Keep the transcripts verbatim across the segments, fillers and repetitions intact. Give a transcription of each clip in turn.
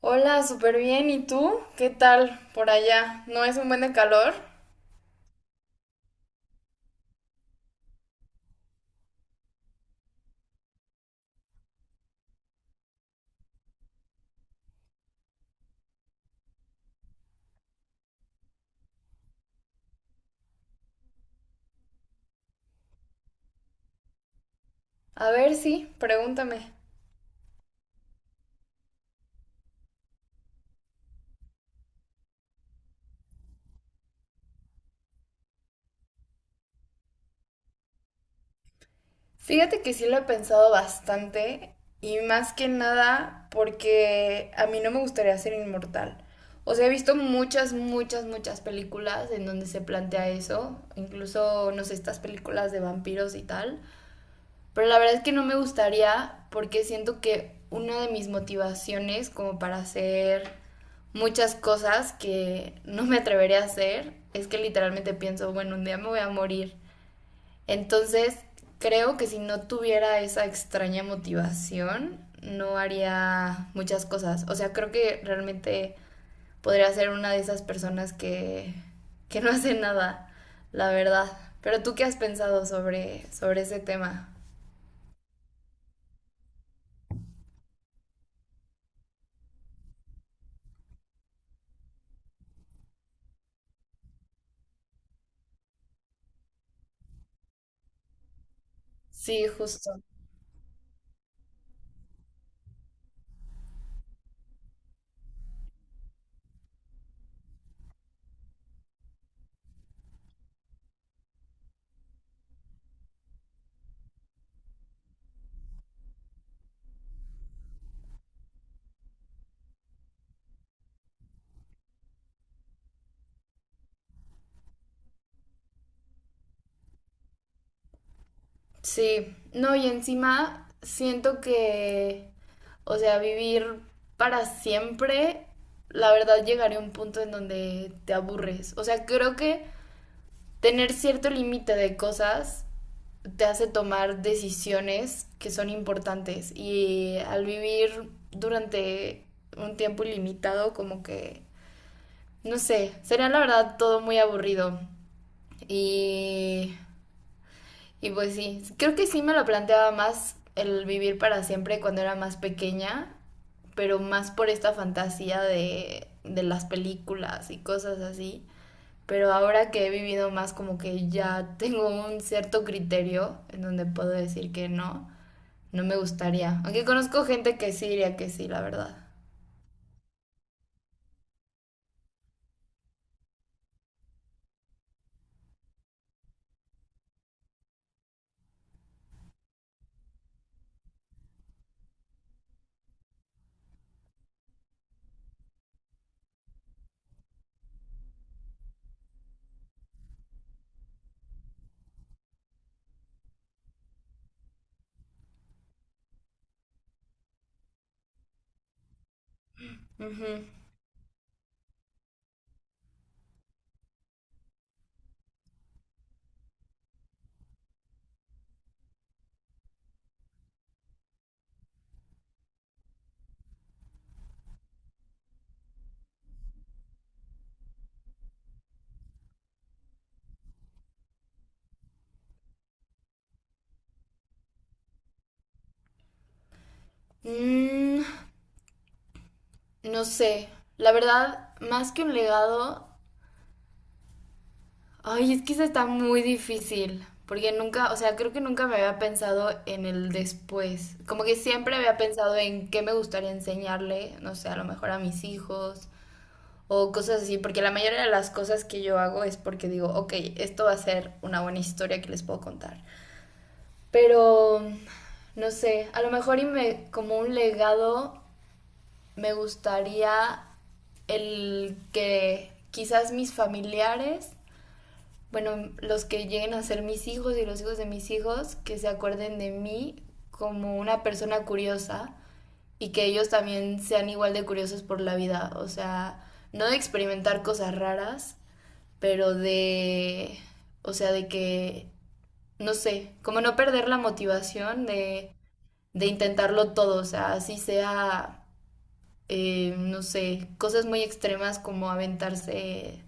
Hola, súper bien. ¿Y tú? ¿Qué tal por allá? ¿No es un buen de calor? A ver, sí, pregúntame. Fíjate que sí lo he pensado bastante y más que nada porque a mí no me gustaría ser inmortal. O sea, he visto muchas, muchas, muchas películas en donde se plantea eso, incluso, no sé, estas películas de vampiros y tal. Pero la verdad es que no me gustaría porque siento que una de mis motivaciones como para hacer muchas cosas que no me atrevería a hacer es que literalmente pienso, bueno, un día me voy a morir. Entonces, creo que si no tuviera esa extraña motivación, no haría muchas cosas. O sea, creo que realmente podría ser una de esas personas que, que no hace nada, la verdad. Pero tú qué has pensado sobre, sobre ese tema? Sí, justo. Sí. No, y encima siento que, o sea, vivir para siempre, la verdad llegaría a un punto en donde te aburres. O sea, creo que tener cierto límite de cosas te hace tomar decisiones que son importantes. Y al vivir durante un tiempo ilimitado, como que, no sé, sería la verdad todo muy aburrido. Y Y pues sí, creo que sí me lo planteaba más el vivir para siempre cuando era más pequeña, pero más por esta fantasía de, de las películas y cosas así. Pero ahora que he vivido más como que ya tengo un cierto criterio en donde puedo decir que no, no me gustaría. Aunque conozco gente que sí diría que sí, la verdad. Ujú. Mm, no sé, la verdad, más que un legado, ay, es que esa está muy difícil, porque nunca, o sea, creo que nunca me había pensado en el después. Como que siempre había pensado en qué me gustaría enseñarle, no sé, a lo mejor a mis hijos o cosas así, porque la mayoría de las cosas que yo hago es porque digo, ok, esto va a ser una buena historia que les puedo contar. Pero, no sé, a lo mejor y me, como un legado me gustaría el que quizás mis familiares bueno, los que lleguen a ser mis hijos y los hijos de mis hijos, que se acuerden de mí como una persona curiosa y que ellos también sean igual de curiosos por la vida. O sea, no de experimentar cosas raras, pero de, o sea, de que, no sé, como no perder la motivación de, de intentarlo todo, o sea, así sea eh, no sé, cosas muy extremas como aventarse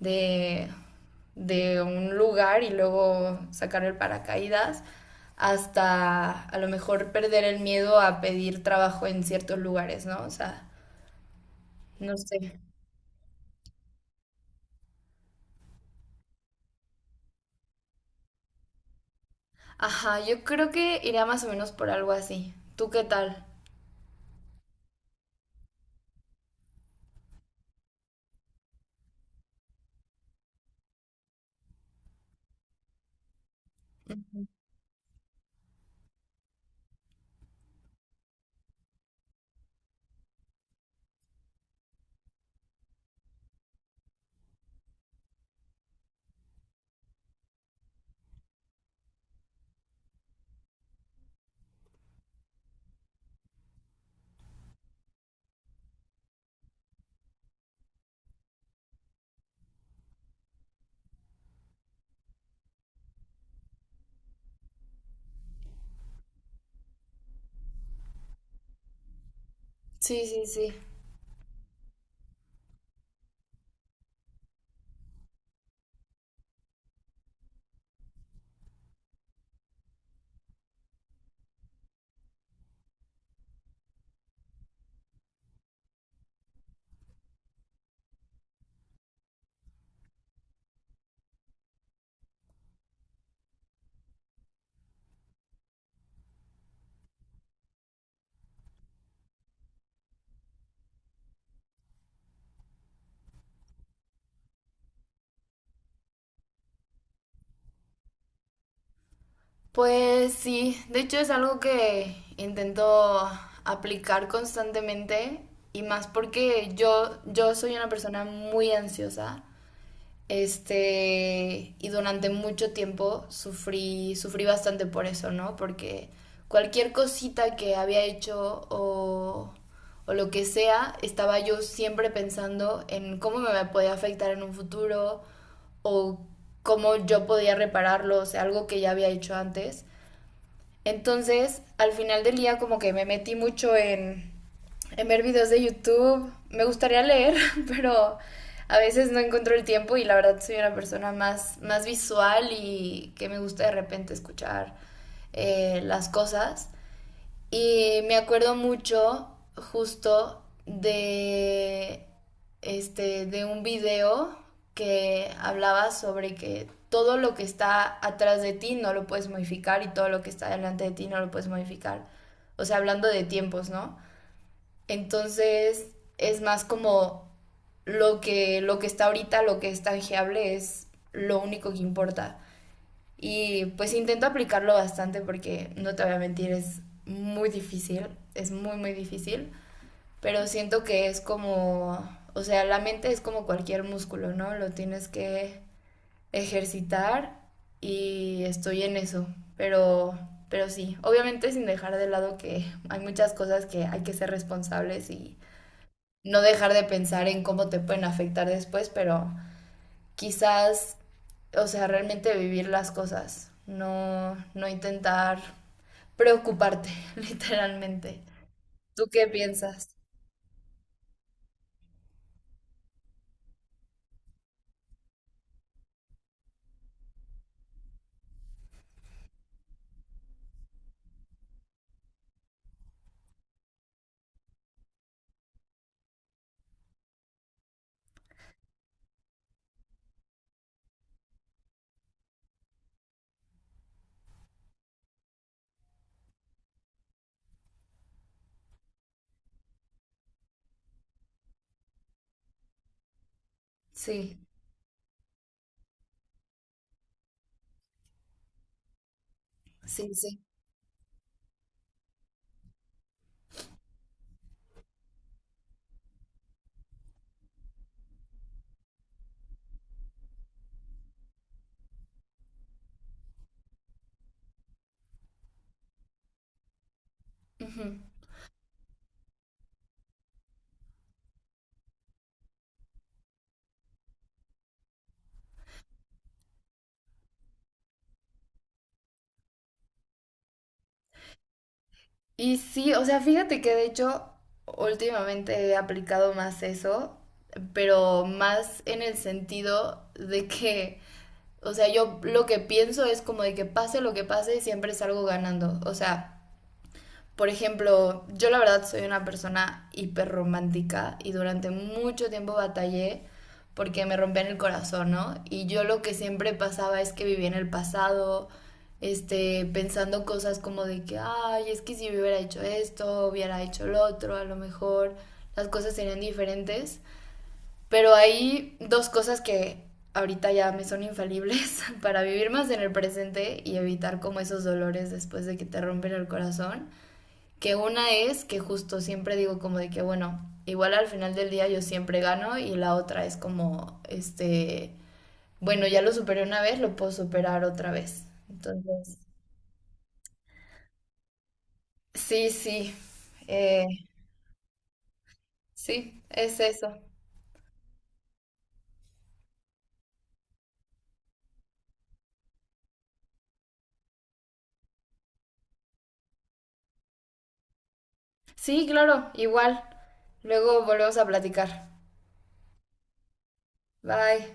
de, de un lugar y luego sacar el paracaídas, hasta a lo mejor perder el miedo a pedir trabajo en ciertos lugares, ¿no? O sea, no sé. Ajá, yo creo que iría más o menos por algo así. ¿Tú qué tal? Ujú. Sí, sí, sí. Pues sí, de hecho es algo que intento aplicar constantemente y más porque yo, yo soy una persona muy ansiosa, este, y durante mucho tiempo sufrí, sufrí bastante por eso, ¿no? Porque cualquier cosita que había hecho o, o lo que sea, estaba yo siempre pensando en cómo me podía afectar en un futuro o cómo yo podía repararlo, o sea, algo que ya había hecho antes. Entonces, al final del día como que me metí mucho en, en ver videos de YouTube. Me gustaría leer, pero a veces no encuentro el tiempo y la verdad soy una persona más, más visual y que me gusta de repente escuchar eh, las cosas. Y me acuerdo mucho justo de este de un video que hablaba sobre que todo lo que está atrás de ti no lo puedes modificar y todo lo que está delante de ti no lo puedes modificar. O sea, hablando de tiempos, ¿no? Entonces, es más como lo que lo que está ahorita, lo que es tangible es lo único que importa. Y pues intento aplicarlo bastante porque no te voy a mentir, es muy difícil, es muy, muy difícil, pero siento que es como, o sea, la mente es como cualquier músculo, ¿no? Lo tienes que ejercitar y estoy en eso, pero, pero sí, obviamente sin dejar de lado que hay muchas cosas que hay que ser responsables y no dejar de pensar en cómo te pueden afectar después, pero quizás, o sea, realmente vivir las cosas, no, no intentar preocuparte, literalmente. ¿Tú qué piensas? Sí, sí, sí. Ujú. Y sí, o sea, fíjate que de hecho últimamente he aplicado más eso, pero más en el sentido de que, o sea, yo lo que pienso es como de que pase lo que pase, siempre salgo ganando. O sea, por ejemplo, yo la verdad soy una persona hiperromántica y durante mucho tiempo batallé porque me rompían el corazón, ¿no? Y yo lo que siempre pasaba es que vivía en el pasado, este, pensando cosas como de que, ay, es que si yo hubiera hecho esto, hubiera hecho lo otro, a lo mejor las cosas serían diferentes. Pero hay dos cosas que ahorita ya me son infalibles para vivir más en el presente y evitar como esos dolores después de que te rompen el corazón. Que una es que justo siempre digo como de que, bueno, igual al final del día yo siempre gano y la otra es como, este, bueno, ya lo superé una vez, lo puedo superar otra vez. Entonces, sí, sí, eh, sí, es eso. Sí, claro, igual. Luego volvemos a platicar. Bye.